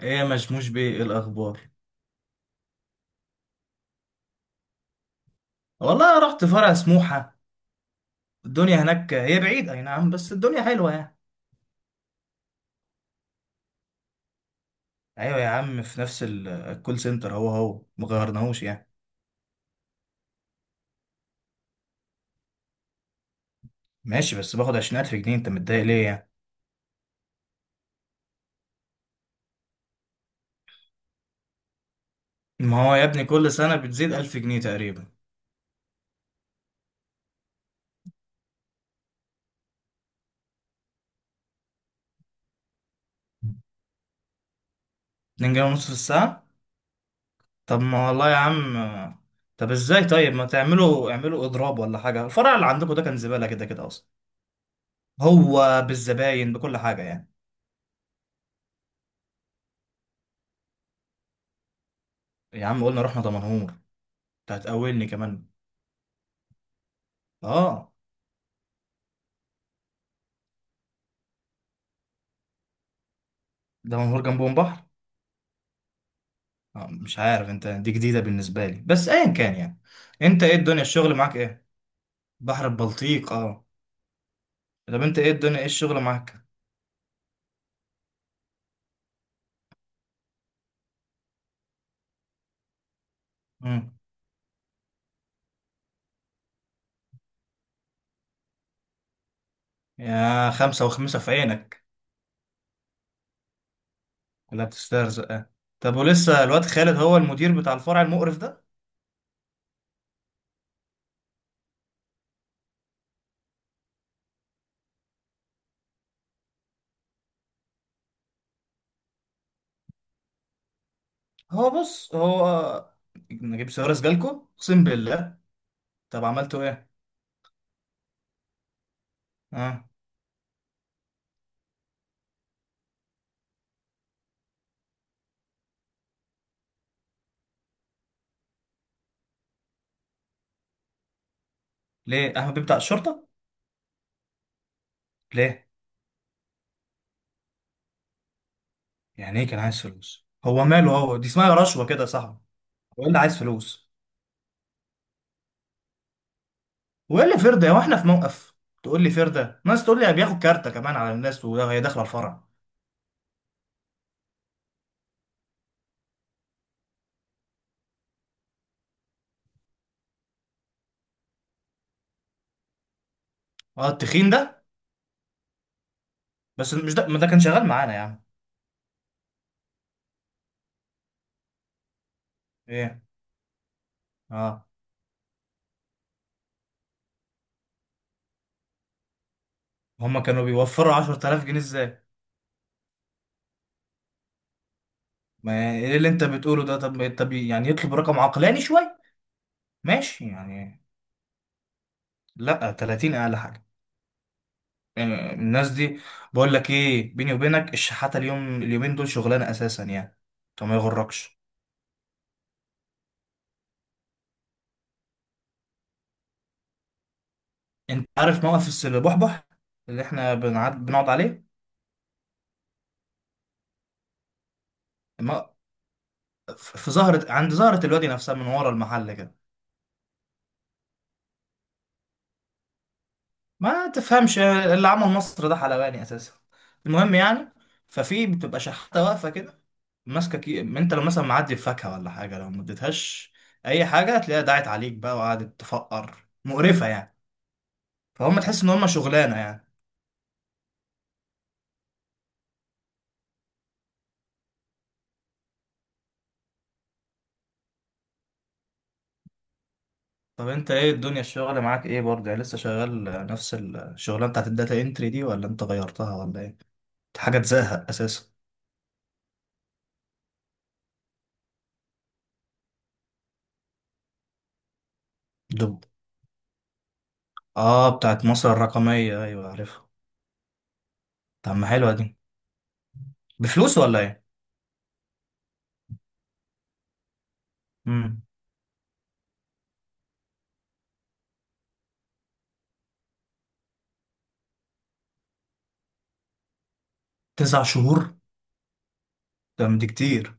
ايه يا مشموش بيه، إيه الاخبار؟ والله رحت فرع سموحه. الدنيا هناك هي بعيد اي نعم بس الدنيا حلوه يعني. ايوه يا عم في نفس الكول سنتر، هو هو ما غيرناهوش يعني. ماشي بس باخد 20000 جنيه، انت متضايق ليه يعني؟ ما هو يا ابني كل سنه بتزيد 1000 جنيه تقريبا. 2 جنيه ونص في الساعه. طب ما والله يا عم. طب ازاي؟ طيب ما تعملوا اعملوا اضراب ولا حاجه، الفرع اللي عندكم ده كان زباله كده كده اصلا، هو بالزباين بكل حاجه يعني. يا عم قلنا رحنا دمنهور. انت هتقولني كمان. اه ده منهور جنبهم بحر. مش عارف، انت دي جديدة بالنسبة لي بس ايا كان يعني. انت ايه الدنيا، الشغل معاك ايه؟ بحر البلطيق، اه. طب انت ايه الدنيا، ايه الشغل معاك؟ مم. يا خمسة وخمسة في عينك. ولا بتسترزق، اه. طب ولسه الواد خالد هو المدير بتاع الفرع المقرف ده؟ هو بص. هو نجيب سيارة جالكو اقسم بالله. طب عملتوا ايه؟ اه. ليه احمد بيه بتاع الشرطة؟ ليه؟ يعني ايه كان عايز فلوس؟ هو ماله، هو دي اسمها رشوة كده يا صاحبي. هو إيه اللي عايز فلوس؟ وايه اللي فرده؟ هو احنا في موقف؟ تقول لي فرده، ناس تقول لي بياخد كارته كمان على الناس وهي داخله الفرع. اه التخين ده. بس مش ده، ما ده كان شغال معانا يا عم. ايه. اه هما كانوا بيوفروا 10000 جنيه ازاي؟ ما ايه اللي انت بتقوله ده، طب يعني يطلب رقم عقلاني شويه. ماشي يعني. لا 30 اقل حاجه. آه، الناس دي. بقول لك ايه، بيني وبينك الشحاته اليوم اليومين دول شغلانه اساسا يعني. طب ما يغركش. انت عارف موقف البحبح اللي احنا بنقعد عليه؟ الم- في زهرة، عند زهرة الوادي نفسها من ورا المحل كده. ما تفهمش اللي عمل مصر ده حلواني اساسا. المهم يعني. ففي بتبقى شحاتة واقفة كده ماسكة انت لو مثلا معدي بفاكهة ولا حاجة لو ما اديتهاش، اي حاجة هتلاقيها دعت عليك بقى وقعدت تفقر مقرفة يعني. فهم تحس ان هم شغلانة يعني. طب انت ايه الدنيا، الشغل معاك ايه برضه؟ يعني لسه شغال نفس الشغلانة بتاعت الداتا انتري دي ولا انت غيرتها ولا ايه؟ دي حاجة تزهق اساسا. دب اه بتاعت مصر الرقمية، ايوه عارفها. طب ما حلوة دي. بفلوس ولا ايه؟ امم. 9 شهور. ده مش كتير.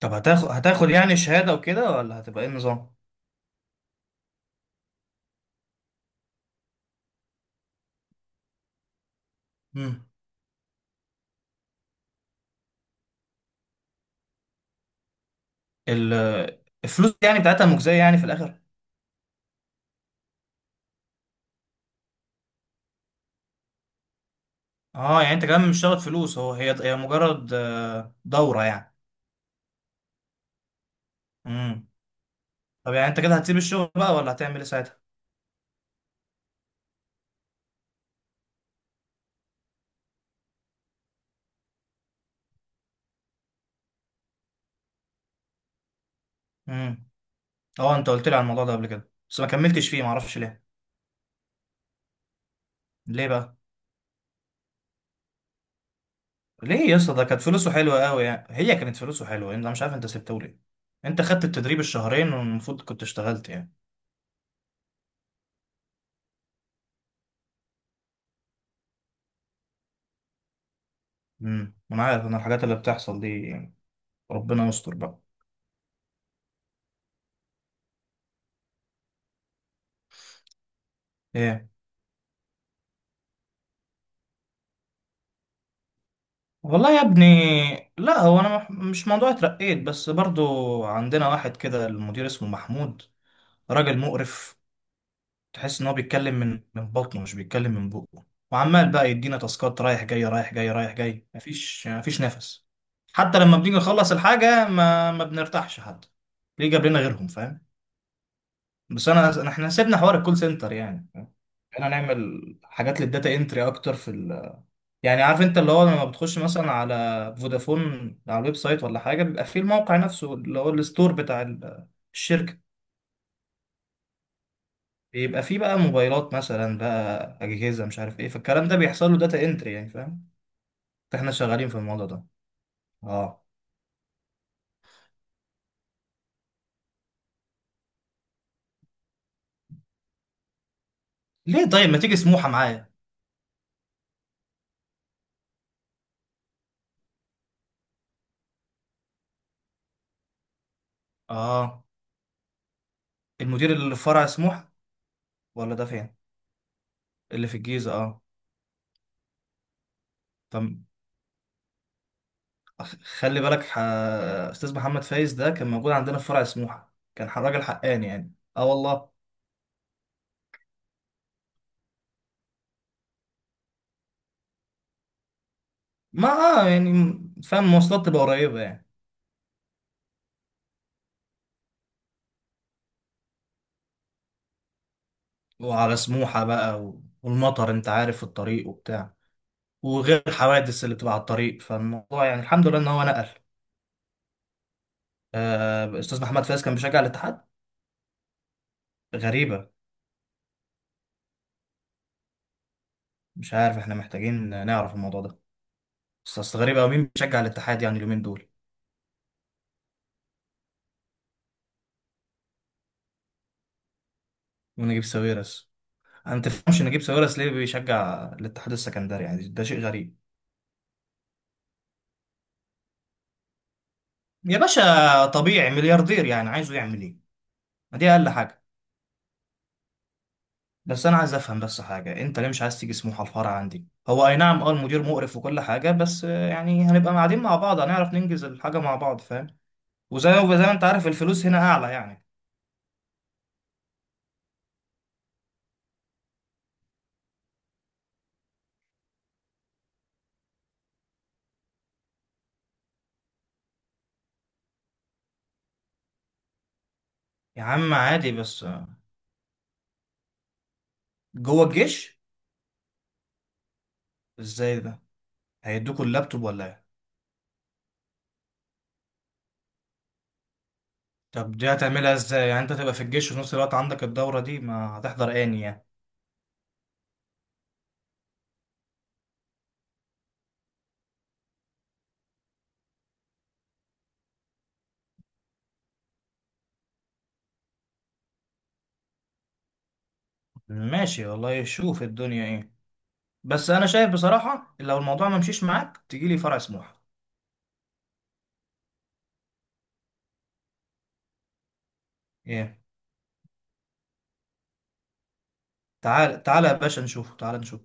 طب هتاخد يعني شهادة وكده ولا هتبقى ايه النظام؟ امم. ال- الفلوس يعني بتاعتها مجزية يعني في الآخر؟ اه يعني انت كمان مش شغل فلوس، هو هي مجرد دورة يعني. امم. طب يعني انت كده هتسيب الشغل بقى ولا هتعمل ايه ساعتها؟ امم. اه انت قلت لي على الموضوع ده قبل كده بس ما كملتش فيه، معرفش ليه. ليه بقى؟ ليه يا اسطى؟ ده كانت فلوسه حلوة قوي يعني، هي كانت فلوسه حلوة، انت مش عارف انت سبته ليه. انت خدت التدريب الشهرين والمفروض كنت اشتغلت يعني. انا عارف انا الحاجات اللي بتحصل دي يعني. ربنا يستر بقى. ايه والله يا ابني. لا هو انا مش موضوع اترقيت، بس برضو عندنا واحد كده المدير اسمه محمود. راجل مقرف. تحس ان هو بيتكلم من بطنه، مش بيتكلم من بقه. وعمال بقى يدينا تاسكات رايح جاي رايح جاي رايح جاي، مفيش نفس. حتى لما بنيجي نخلص الحاجة ما بنرتاحش حتى. ليه جاب لنا غيرهم، فاهم؟ بس احنا سيبنا حوار الكول سنتر يعني، احنا نعمل حاجات للداتا انتري اكتر في. يعني عارف انت اللي هو لما بتخش مثلا على فودافون، على الويب سايت ولا حاجه، بيبقى فيه الموقع نفسه اللي هو الستور بتاع الشركه، بيبقى فيه بقى موبايلات مثلا بقى اجهزه مش عارف ايه، فالكلام ده بيحصل له داتا انتري يعني، فاهم؟ فاحنا شغالين في الموضوع ده. اه. ليه طيب ما تيجي سموحه معايا؟ اه. المدير اللي في فرع سموحه؟ ولا ده فين؟ اللي في الجيزه، اه. طب خلي بالك استاذ محمد فايز ده كان موجود عندنا في فرع سموحه، كان راجل حقاني يعني اه والله. ما يعني، فاهم، المواصلات تبقى قريبة يعني. وعلى سموحة بقى والمطر انت عارف في الطريق وبتاع، وغير الحوادث اللي بتبقى على الطريق، فالموضوع يعني الحمد لله ان هو نقل. آه، استاذ محمد فايز كان بيشجع الاتحاد. غريبة. مش عارف، احنا محتاجين نعرف الموضوع ده. بس اصل غريبة أوي مين بيشجع الاتحاد يعني اليومين دول. ونجيب ساويرس. انا ما تفهمش نجيب ساويرس ليه بيشجع الاتحاد السكندري يعني، ده شيء غريب. يا باشا طبيعي، ملياردير يعني عايزه يعمل ايه؟ ما دي اقل حاجة. بس انا عايز افهم بس حاجه، انت ليه مش عايز تيجي سموحه؟ الفرع عندي هو اي نعم، اه المدير مقرف وكل حاجه، بس يعني هنبقى قاعدين مع بعض، هنعرف ننجز الحاجه مع بعض، فاهم؟ وزي ما انت عارف الفلوس هنا اعلى يعني. يا عم عادي بس جوه الجيش. ازاي ده؟ هيدوكوا اللابتوب ولا ايه؟ طب دي هتعملها ازاي؟ يعني انت تبقى في الجيش وفي نفس الوقت عندك الدوره دي، ما هتحضر اني يعني. ماشي والله، شوف الدنيا ايه. بس انا شايف بصراحه لو الموضوع ما مشيش معاك تجي لي فرع سموحه. ايه. تعال تعال يا باشا نشوف، تعال نشوف.